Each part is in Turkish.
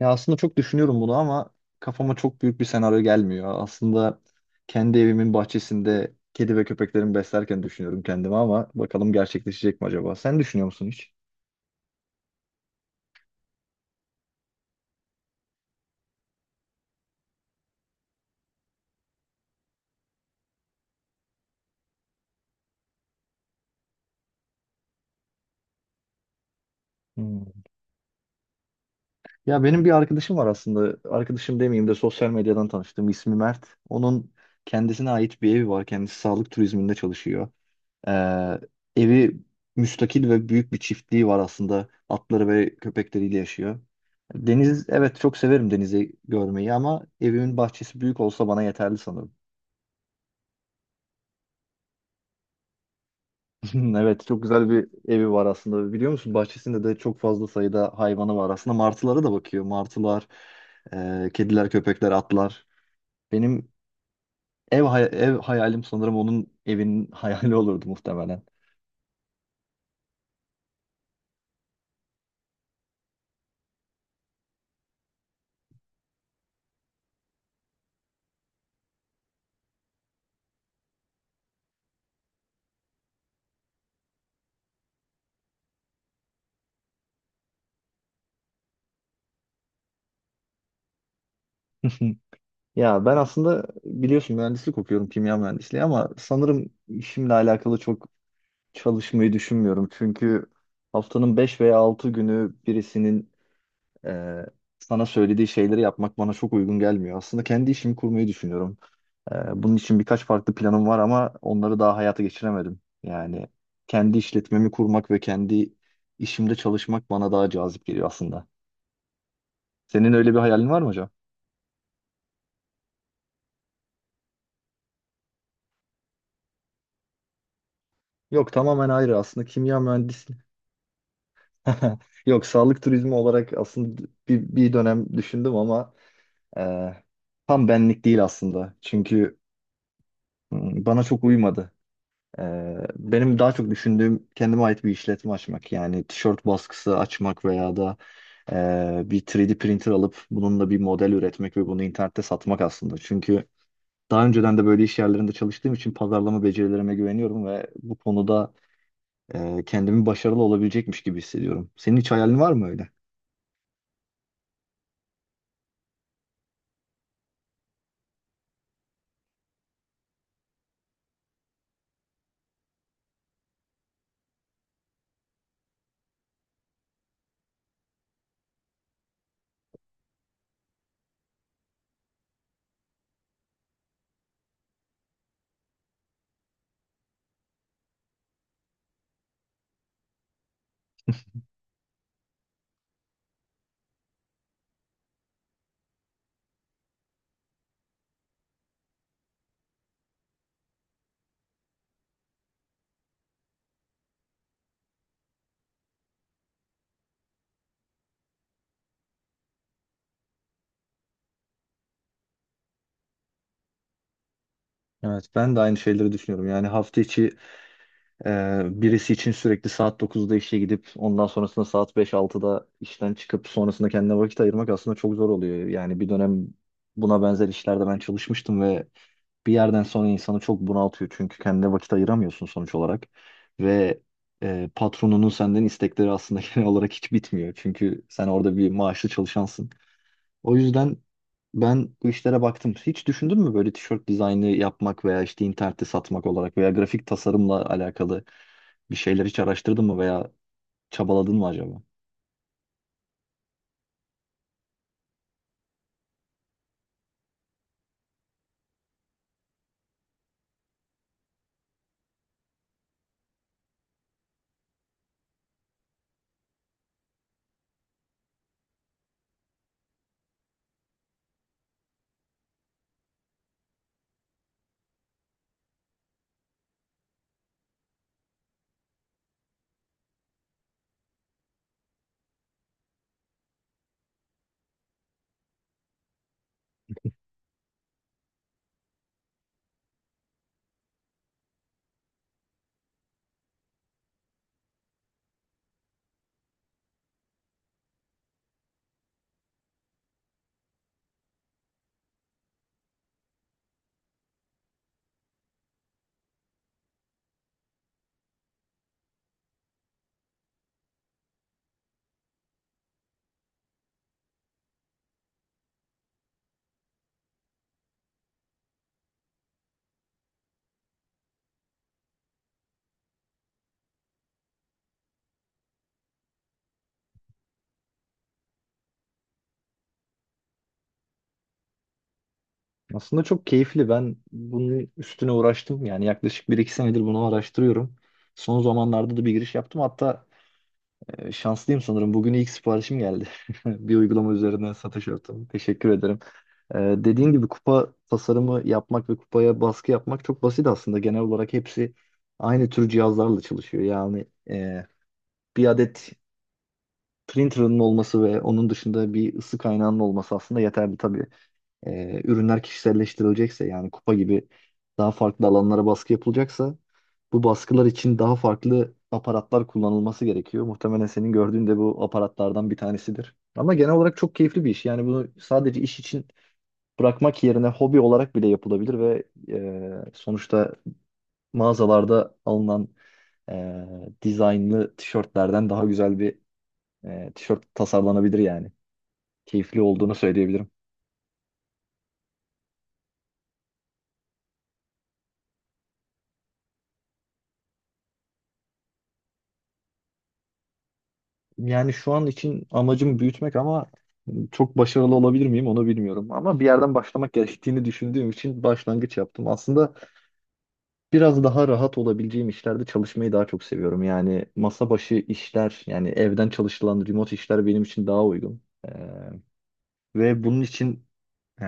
Ya aslında çok düşünüyorum bunu ama kafama çok büyük bir senaryo gelmiyor. Aslında kendi evimin bahçesinde kedi ve köpeklerimi beslerken düşünüyorum kendimi ama bakalım gerçekleşecek mi acaba? Sen düşünüyor musun hiç? Hmm. Ya benim bir arkadaşım var aslında. Arkadaşım demeyeyim de sosyal medyadan tanıştım. İsmi Mert. Onun kendisine ait bir evi var. Kendisi sağlık turizminde çalışıyor. Ee, evi müstakil ve büyük bir çiftliği var aslında. Atları ve köpekleriyle yaşıyor. Deniz, evet çok severim denizi görmeyi ama evimin bahçesi büyük olsa bana yeterli sanırım. Evet, çok güzel bir evi var aslında. Biliyor musun, bahçesinde de çok fazla sayıda hayvanı var. Aslında martılara da bakıyor. Martılar, kediler, köpekler, atlar. Benim ev hayalim sanırım onun evinin hayali olurdu muhtemelen. Ya ben aslında biliyorsun mühendislik okuyorum, kimya mühendisliği, ama sanırım işimle alakalı çok çalışmayı düşünmüyorum. Çünkü haftanın 5 veya 6 günü birisinin e, sana söylediği şeyleri yapmak bana çok uygun gelmiyor. Aslında kendi işimi kurmayı düşünüyorum. Bunun için birkaç farklı planım var ama onları daha hayata geçiremedim. Yani kendi işletmemi kurmak ve kendi işimde çalışmak bana daha cazip geliyor aslında. Senin öyle bir hayalin var mı hocam? Yok, tamamen ayrı aslında kimya. Yok, sağlık turizmi olarak aslında bir dönem düşündüm ama e, tam benlik değil aslında. Çünkü bana çok uymadı. E, Benim daha çok düşündüğüm kendime ait bir işletme açmak. Yani tişört baskısı açmak veya da bir 3D printer alıp bununla bir model üretmek ve bunu internette satmak aslında. Çünkü daha önceden de böyle iş yerlerinde çalıştığım için pazarlama becerilerime güveniyorum ve bu konuda kendimi başarılı olabilecekmiş gibi hissediyorum. Senin hiç hayalin var mı öyle? Evet, ben de aynı şeyleri düşünüyorum. Yani hafta içi birisi için sürekli saat 9'da işe gidip ondan sonrasında saat 5-6'da işten çıkıp sonrasında kendine vakit ayırmak aslında çok zor oluyor. Yani bir dönem buna benzer işlerde ben çalışmıştım ve bir yerden sonra insanı çok bunaltıyor. Çünkü kendine vakit ayıramıyorsun sonuç olarak. Ve patronunun senden istekleri aslında genel olarak hiç bitmiyor. Çünkü sen orada bir maaşlı çalışansın. O yüzden ben bu işlere baktım. Hiç düşündün mü böyle tişört dizaynı yapmak veya işte internette satmak olarak veya grafik tasarımla alakalı bir şeyler hiç araştırdın mı veya çabaladın mı acaba? Aslında çok keyifli. Ben bunun üstüne uğraştım. Yani yaklaşık bir iki senedir bunu araştırıyorum. Son zamanlarda da bir giriş yaptım. Hatta şanslıyım sanırım. Bugün ilk siparişim geldi. Bir uygulama üzerinden satış yaptım. Teşekkür ederim. Dediğin gibi kupa tasarımı yapmak ve kupaya baskı yapmak çok basit aslında. Genel olarak hepsi aynı tür cihazlarla çalışıyor. Yani bir adet printer'ın olması ve onun dışında bir ısı kaynağının olması aslında yeterli tabii. Ürünler kişiselleştirilecekse yani kupa gibi daha farklı alanlara baskı yapılacaksa bu baskılar için daha farklı aparatlar kullanılması gerekiyor. Muhtemelen senin gördüğün de bu aparatlardan bir tanesidir. Ama genel olarak çok keyifli bir iş. Yani bunu sadece iş için bırakmak yerine hobi olarak bile yapılabilir ve sonuçta mağazalarda alınan e, dizaynlı tişörtlerden daha güzel bir tişört tasarlanabilir yani. Keyifli olduğunu söyleyebilirim. Yani şu an için amacım büyütmek ama çok başarılı olabilir miyim onu bilmiyorum. Ama bir yerden başlamak gerektiğini düşündüğüm için başlangıç yaptım. Aslında biraz daha rahat olabileceğim işlerde çalışmayı daha çok seviyorum. Yani masa başı işler, yani evden çalışılan remote işler benim için daha uygun. Ee, Ve bunun için e,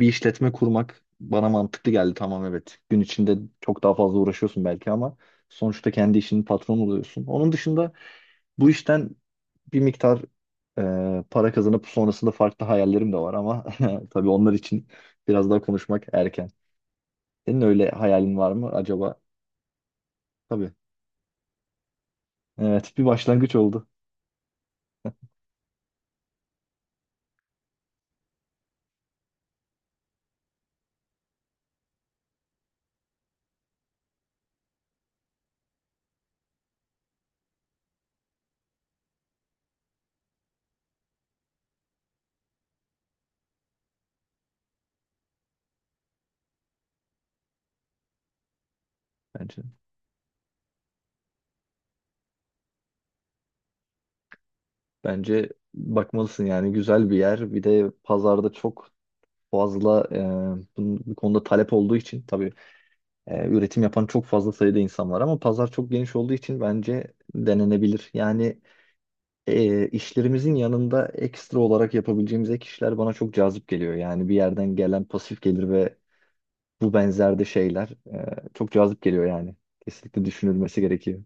bir işletme kurmak bana mantıklı geldi. Tamam, evet. Gün içinde çok daha fazla uğraşıyorsun belki ama sonuçta kendi işinin patronu oluyorsun. Onun dışında bu işten bir miktar para kazanıp sonrasında farklı hayallerim de var ama tabii onlar için biraz daha konuşmak erken. Senin öyle hayalin var mı acaba? Tabii. Evet, bir başlangıç oldu. Bence, bence bakmalısın, yani güzel bir yer. Bir de pazarda çok fazla bu konuda talep olduğu için tabii üretim yapan çok fazla sayıda insan var ama pazar çok geniş olduğu için bence denenebilir. Yani işlerimizin yanında ekstra olarak yapabileceğimiz ek işler bana çok cazip geliyor. Yani bir yerden gelen pasif gelir ve bu benzerde şeyler e, çok cazip geliyor yani. Kesinlikle düşünülmesi gerekiyor.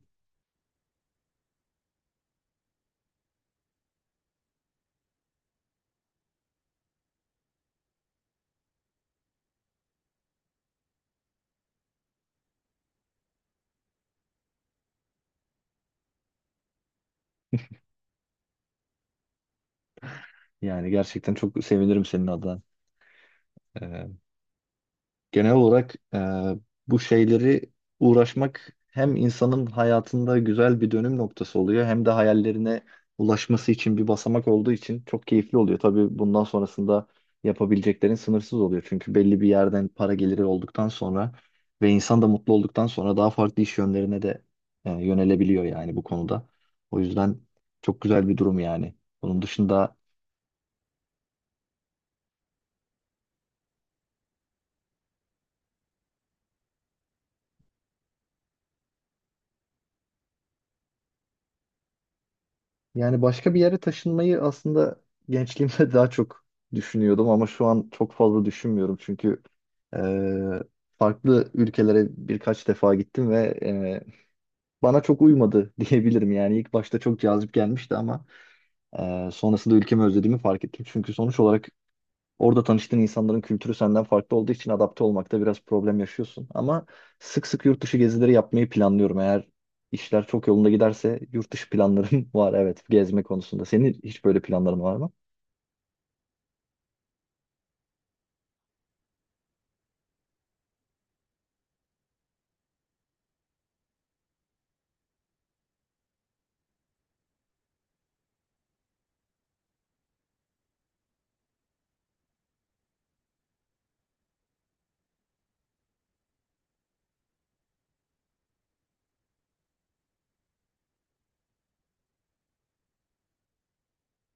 Yani gerçekten çok sevinirim senin adına. Ee, Genel olarak bu şeyleri uğraşmak hem insanın hayatında güzel bir dönüm noktası oluyor hem de hayallerine ulaşması için bir basamak olduğu için çok keyifli oluyor. Tabii bundan sonrasında yapabileceklerin sınırsız oluyor. Çünkü belli bir yerden para geliri olduktan sonra ve insan da mutlu olduktan sonra daha farklı iş yönlerine de yönelebiliyor yani bu konuda. O yüzden çok güzel bir durum yani. Bunun dışında, yani başka bir yere taşınmayı aslında gençliğimde daha çok düşünüyordum ama şu an çok fazla düşünmüyorum çünkü eee, farklı ülkelere birkaç defa gittim ve bana çok uymadı diyebilirim. Yani ilk başta çok cazip gelmişti ama sonrasında ülkemi özlediğimi fark ettim. Çünkü sonuç olarak orada tanıştığın insanların kültürü senden farklı olduğu için adapte olmakta biraz problem yaşıyorsun. Ama sık sık yurt dışı gezileri yapmayı planlıyorum. Eğer işler çok yolunda giderse yurt dışı planlarım var, evet, gezme konusunda. Senin hiç böyle planların var mı?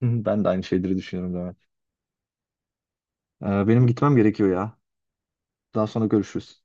Hı hı. Ben de aynı şeyleri düşünüyorum, Levent. Benim gitmem gerekiyor ya. Daha sonra görüşürüz.